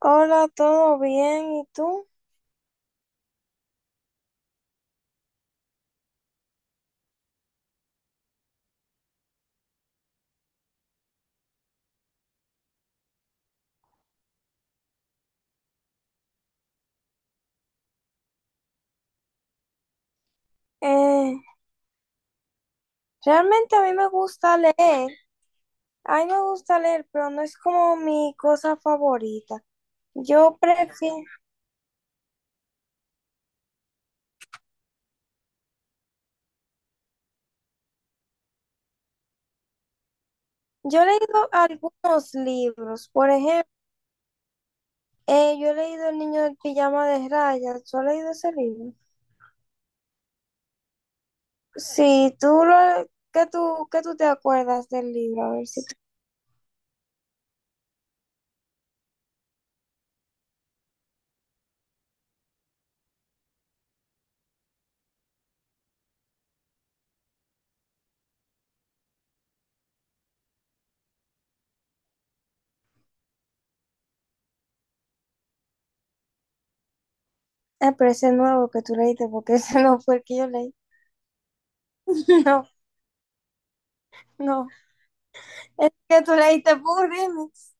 Hola, ¿todo bien? ¿Y tú? Eh, Realmente a mí me gusta leer. A mí me gusta leer, pero no es como mi cosa favorita. Yo prefiero, yo he leído algunos libros. Por ejemplo, yo he leído El niño del pijama de rayas. ¿Tú has leído ese libro? Sí, qué tú te acuerdas del libro? A ver si tú- pero ese nuevo que tú leíste, porque ese no fue el que yo leí. No, no. El que tú leíste por remix.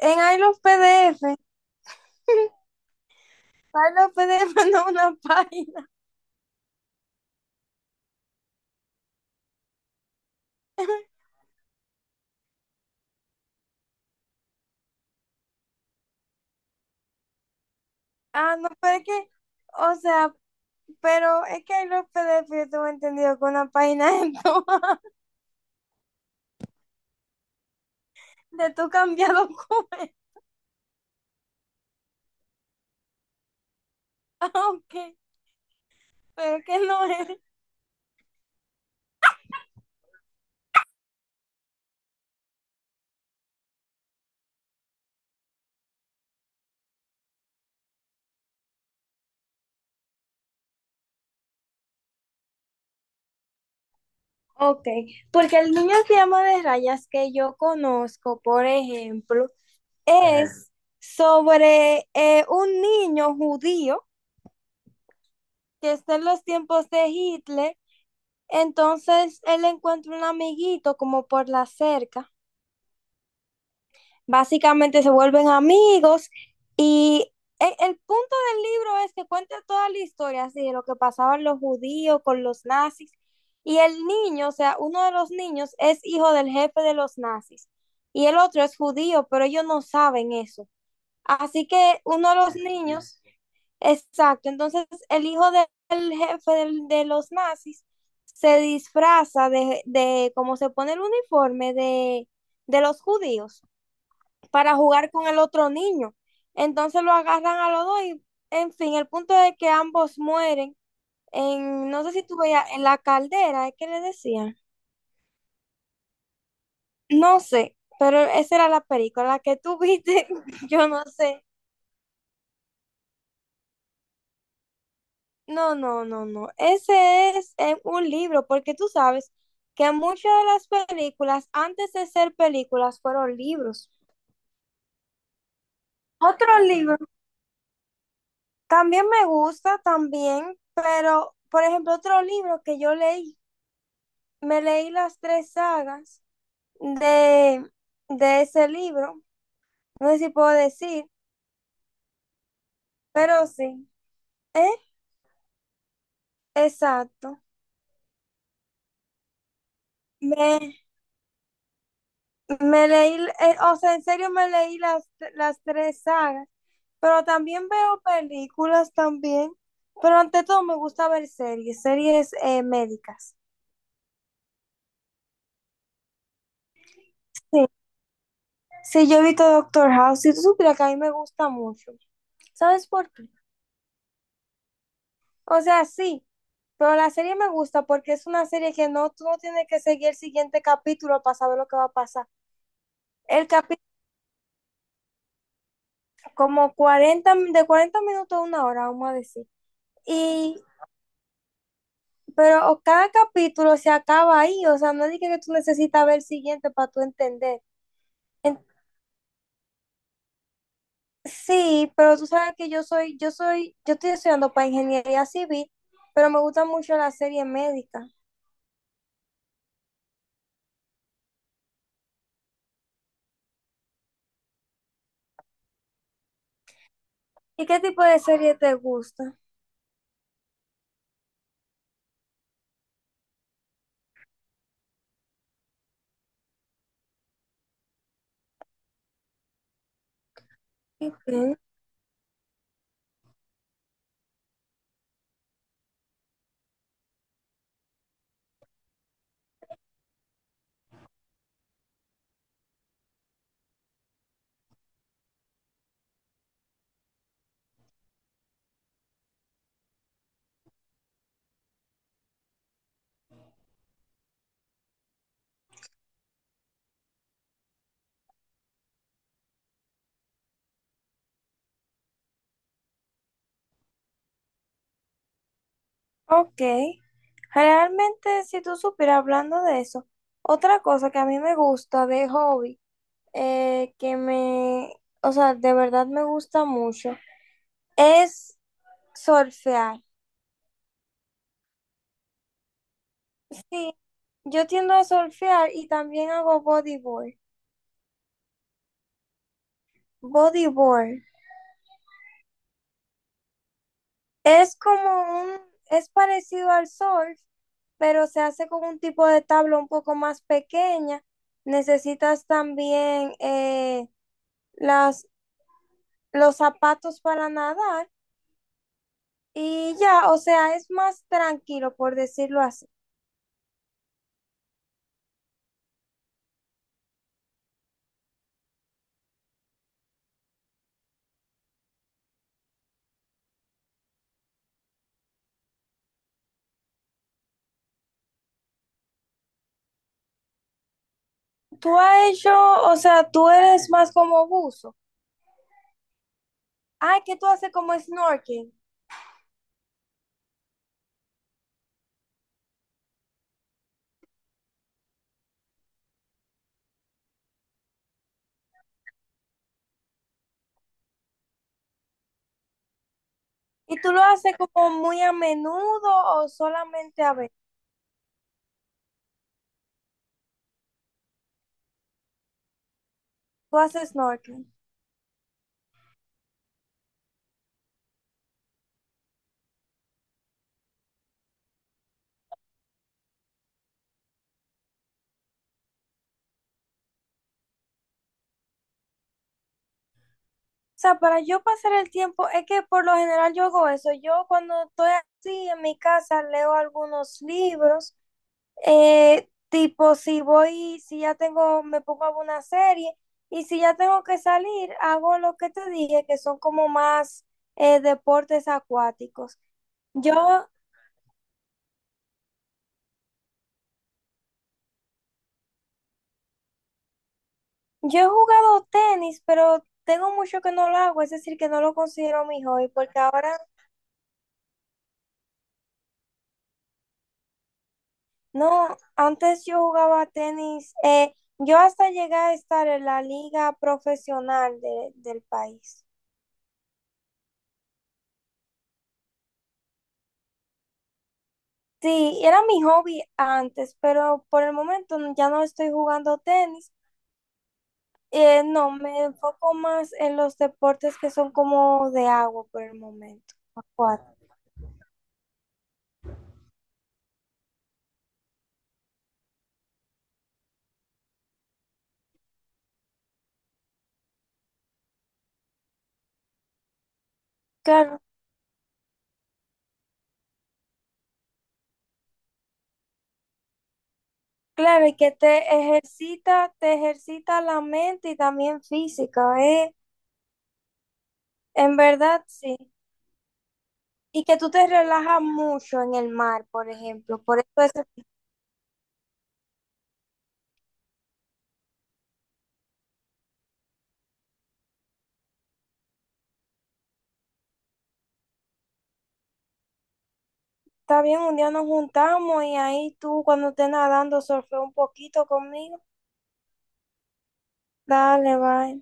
En ahí los PDF. Ay, no, PDF no. Una página. Ah, no, pero es que, o sea, pero es que hay los PDF, yo tengo entendido que una página de tu- de tu cambiado documento. Ah, ok, pero es que no es. Ok, porque el niño que llama de rayas que yo conozco, por ejemplo, es sobre un niño judío que está en los tiempos de Hitler. Entonces él encuentra un amiguito como por la cerca. Básicamente se vuelven amigos y punto del libro es que cuenta toda la historia así, de lo que pasaban los judíos con los nazis, y el niño, o sea, uno de los niños es hijo del jefe de los nazis y el otro es judío, pero ellos no saben eso. Así que uno de los niños, exacto, entonces el hijo del jefe de los nazis se disfraza como se pone el uniforme de los judíos para jugar con el otro niño. Entonces lo agarran a los dos y, en fin, el punto es que ambos mueren en, no sé si tú veías, en la caldera, es que le decían. No sé, pero esa era la película la que tú viste, yo no sé. No, no, no, no. Ese es un libro, porque tú sabes que muchas de las películas, antes de ser películas, fueron libros. Otro libro, también me gusta, también, pero, por ejemplo, otro libro que yo leí, me leí las tres sagas de, de ese libro. No sé si puedo decir, pero sí. ¿Eh? Exacto. Me, me leí, o sea, en serio me leí las tres sagas, pero también veo películas también, pero ante todo me gusta ver series, series médicas. Sí, sí, yo he visto Doctor House, si tú supieras que a mí me gusta mucho. ¿Sabes por qué? O sea, sí, pero la serie me gusta porque es una serie que no, tú no tienes que seguir el siguiente capítulo para saber lo que va a pasar. El capítulo, como 40 de 40 minutos a una hora, vamos a decir. Y, pero cada capítulo se acaba ahí, o sea, no es de que tú necesitas ver el siguiente para tú entender. En- sí, pero tú sabes que yo estoy estudiando para ingeniería civil, pero me gusta mucho la serie médica. ¿Y qué tipo de serie te gusta? Ok. Ok. Realmente, si tú supieras hablando de eso, otra cosa que a mí me gusta de hobby, que me, o sea, de verdad me gusta mucho, es surfear. Sí, yo tiendo a surfear y también hago bodyboard. Bodyboard es como un, es parecido al surf, pero se hace con un tipo de tabla un poco más pequeña. Necesitas también las, los zapatos para nadar. Y ya, o sea, es más tranquilo, por decirlo así. Tú has hecho, o sea, tú eres más como buzo. Ay, que tú haces como snorkeling. ¿Y tú lo haces como muy a menudo o solamente a veces? Tú haces snorkeling. O sea, para yo pasar el tiempo, es que por lo general yo hago eso. Yo cuando estoy así en mi casa leo algunos libros. Tipo, si voy, si ya tengo, me pongo a ver una serie, y si ya tengo que salir, hago lo que te dije, que son como más deportes acuáticos. Yo, yo he jugado tenis, pero tengo mucho que no lo hago, es decir, que no lo considero mi hobby, porque ahora, no, antes yo jugaba tenis, yo hasta llegué a estar en la liga profesional del país. Sí, era mi hobby antes, pero por el momento no- ya no estoy jugando tenis. No, me enfoco más en los deportes que son como de agua por el momento. Acuáticos. Claro, claro, y que te ejercita la mente y también física, ¿eh? En verdad, sí. Y que tú te relajas mucho en el mar, por ejemplo. Por eso es- está bien, un día nos juntamos y ahí tú cuando estés nadando surfea un poquito conmigo. Dale, bye.